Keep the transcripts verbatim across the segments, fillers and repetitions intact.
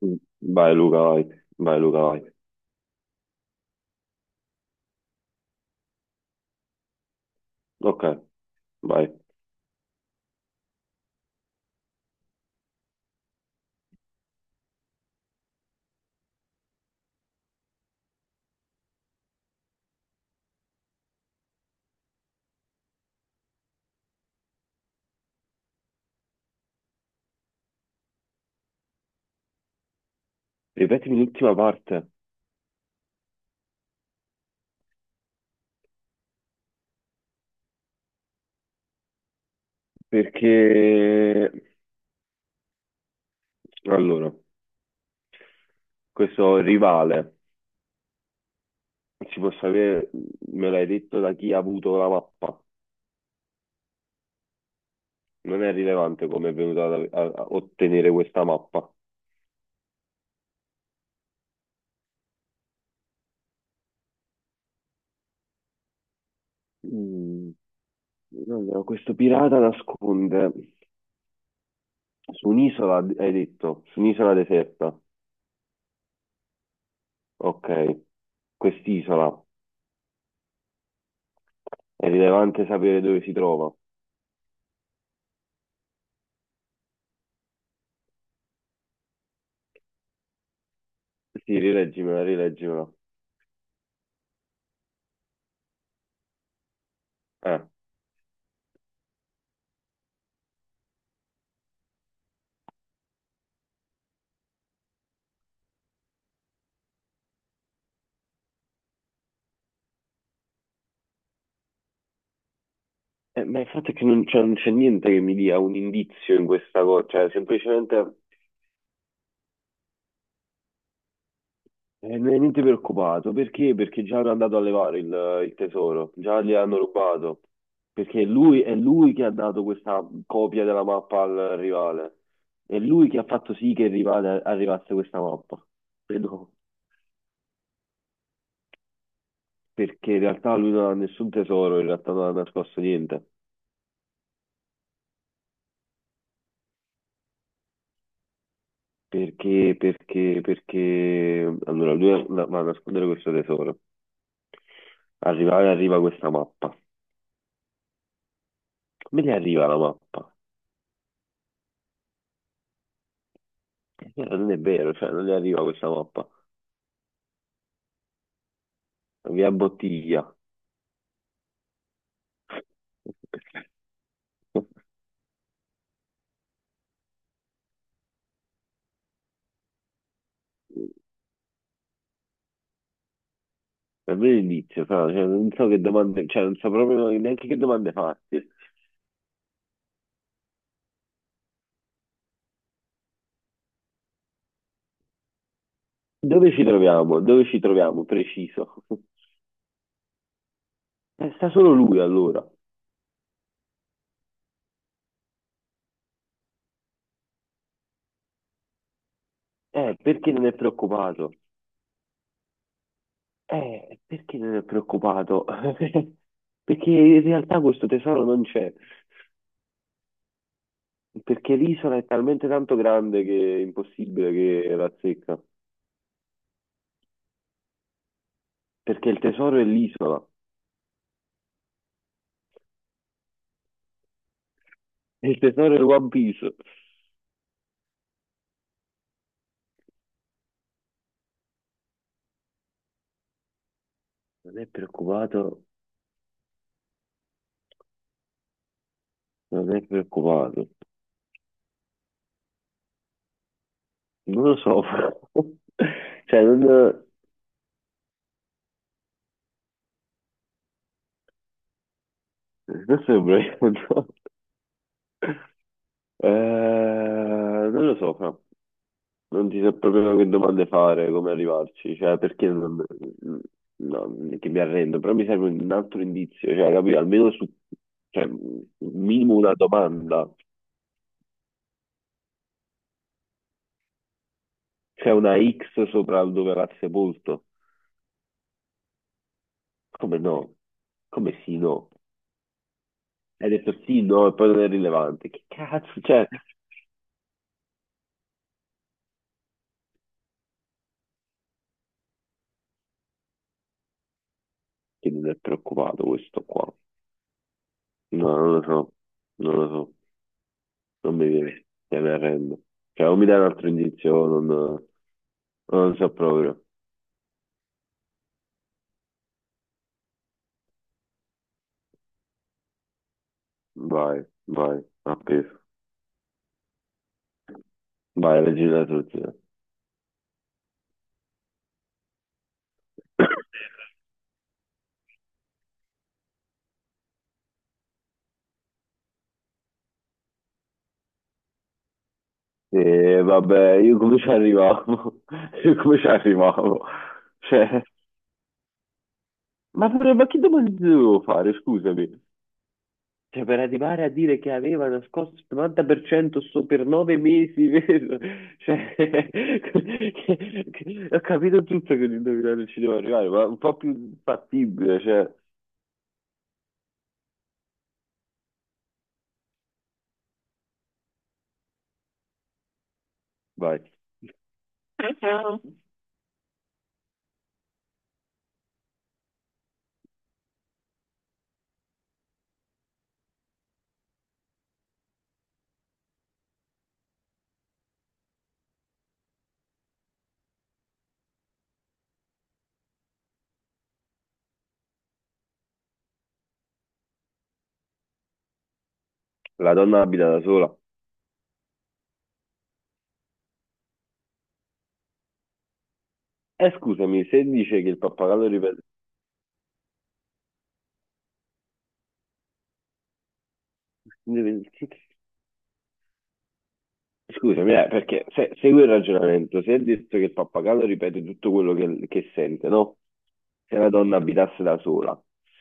Mm. Vai Luca, vai, vai Luca, vai. Ok, vai. Ripetimi l'ultima parte, perché allora, questo rivale, si può sapere, me l'hai detto da chi ha avuto la mappa? Non è rilevante come è venuto ad- a, a ottenere questa mappa. Mm. Allora, questo pirata nasconde su un'isola, hai detto, su un'isola deserta. Ok, quest'isola, è rilevante sapere dove si trova. Sì, rileggimela, rileggimela. Eh. Eh, ma il fatto è che non c'è non c'è niente che mi dia un indizio in questa cosa, cioè semplicemente eh, non è niente preoccupato. Perché? Perché già hanno andato a levare il, il tesoro, già gli hanno rubato, perché lui, è lui che ha dato questa copia della mappa al rivale, è lui che ha fatto sì che il rivale- arrivasse questa mappa. Credo- Perché in realtà lui non ha nessun tesoro, in realtà non ha nascosto niente. Perché, perché, perché, allora lui va a nascondere questo tesoro. Arriva, arriva questa mappa. Come gli arriva la mappa? Eh, Non è vero, cioè, non gli arriva questa mappa. Via bottiglia. È vero l'inizio, fra, cioè, non so che domande, cioè, non so proprio neanche che domande farti. Dove ci troviamo? Dove ci troviamo? Preciso. Eh, sta solo lui allora. Eh, perché non è preoccupato? Eh, perché non è preoccupato? Perché in realtà questo tesoro non c'è. Perché l'isola è talmente tanto grande che è impossibile che la secca. Perché il tesoro è l'isola, e il tesoro è One Piece. Non è preoccupato, non è preoccupato. Non lo so, però. Cioè, non, non sembra che- no. Eh, non lo so, fra. Non ti so proprio che domande fare, come arrivarci, cioè, perché non, no, non è che mi arrendo, però mi serve un altro indizio, cioè, capito? Almeno su, cioè, un minimo una domanda. C'è una ics sopra dove va sepolto? Come no? Come sì, no? Hai detto sì, no, e poi non è rilevante. Che cazzo, cioè, che non è preoccupato questo qua? No, non lo so, non lo so, non mi viene, te ne arrendo. Cioè, o mi dai un altro indizio, o non, non lo so proprio. Vai, vai, appeso. Vai, leggi la soluzione. E vabbè, io come ci arrivavo? Io come ci arrivavo? Cioè, ma, ma che domande devo fare? Scusami. Cioè, per arrivare a dire che aveva nascosto il novanta per cento so per nove mesi, vero? Cioè, che- che- ho capito tutto che l'indovinello ci devo arrivare, ma un po' più fattibile, cioè, vai. La donna abita da sola. E scusami, se dice che il pappagallo ripete... Scusami, eh, perché se, segui il ragionamento, se è detto che il pappagallo ripete tutto quello che, che sente, no? Se la donna abitasse da sola,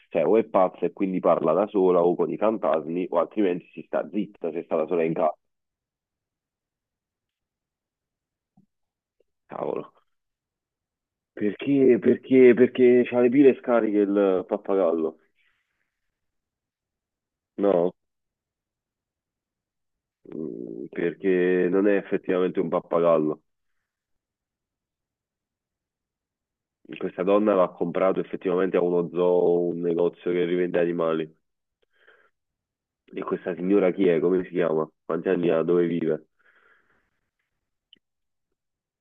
cioè o è pazza e quindi parla da sola o con i fantasmi, o altrimenti si sta zitta se sta da sola in casa. Cavolo. Perché? Perché? Perché c'ha le pile scariche il pappagallo? No, mm, perché non è effettivamente un pappagallo. Questa donna l'ha comprato effettivamente a uno zoo, un negozio che rivende animali. E questa signora chi è? Come si chiama? Quanti anni ha? Dove vive?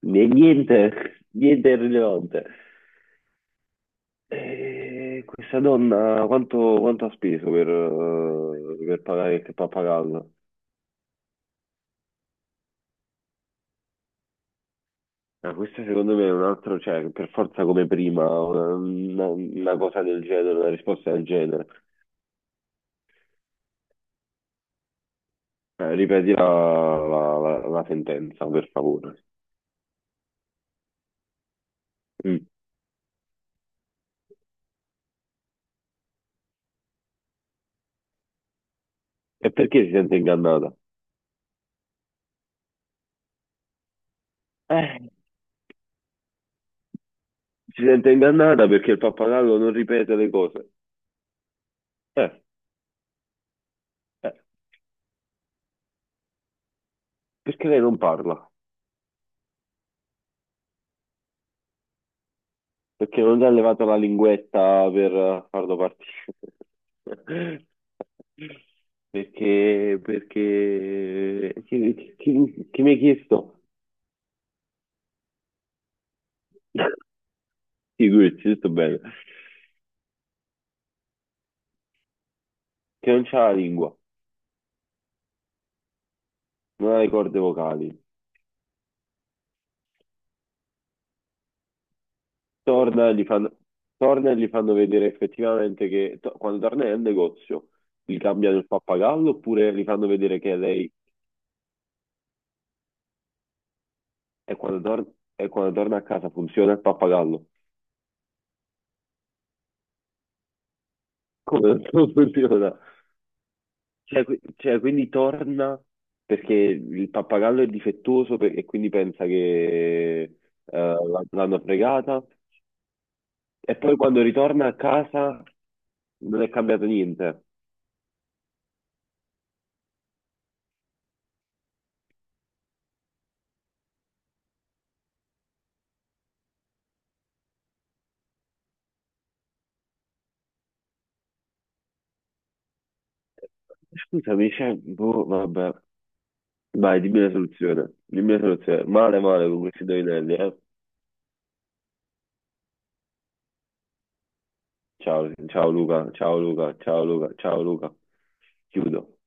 Né- Niente, niente è rilevante. E questa donna quanto, quanto ha speso per, eh, per pagare il pappagallo? Ah, questa secondo me è un altro, cioè per forza come prima, una, una- una cosa del genere, una risposta del genere. Eh, ripeti la, la- la- la sentenza, per favore. Mm. E perché si sente ingannata? Eh, si sente ingannata perché il pappagallo non ripete le cose. Eh, eh, perché lei non parla? Perché non gli ha levato la linguetta per eh, farlo partire. Perché, perché chi, chi- chi mi ha chiesto? Figurati, tutto bello. Che non c'ha la lingua, non ha le corde vocali. Torna e gli fanno, torna e gli fanno vedere effettivamente che to- quando torna nel negozio gli cambiano il pappagallo oppure gli fanno vedere che lei e quando, tor- e quando torna a casa funziona il pappagallo. Come non funziona? Cioè, qui- cioè, quindi torna perché il pappagallo è difettoso per- e quindi pensa che eh, l'ha- l'hanno fregata e poi quando ritorna a casa non è cambiato niente. Scusami, cioè, boh, vabbè. Vai, dimmi la soluzione. Dimmi la soluzione. Male, male con questi indovinelli, eh. Ciao, ciao Luca, ciao Luca, ciao Luca, ciao Luca. Chiudo.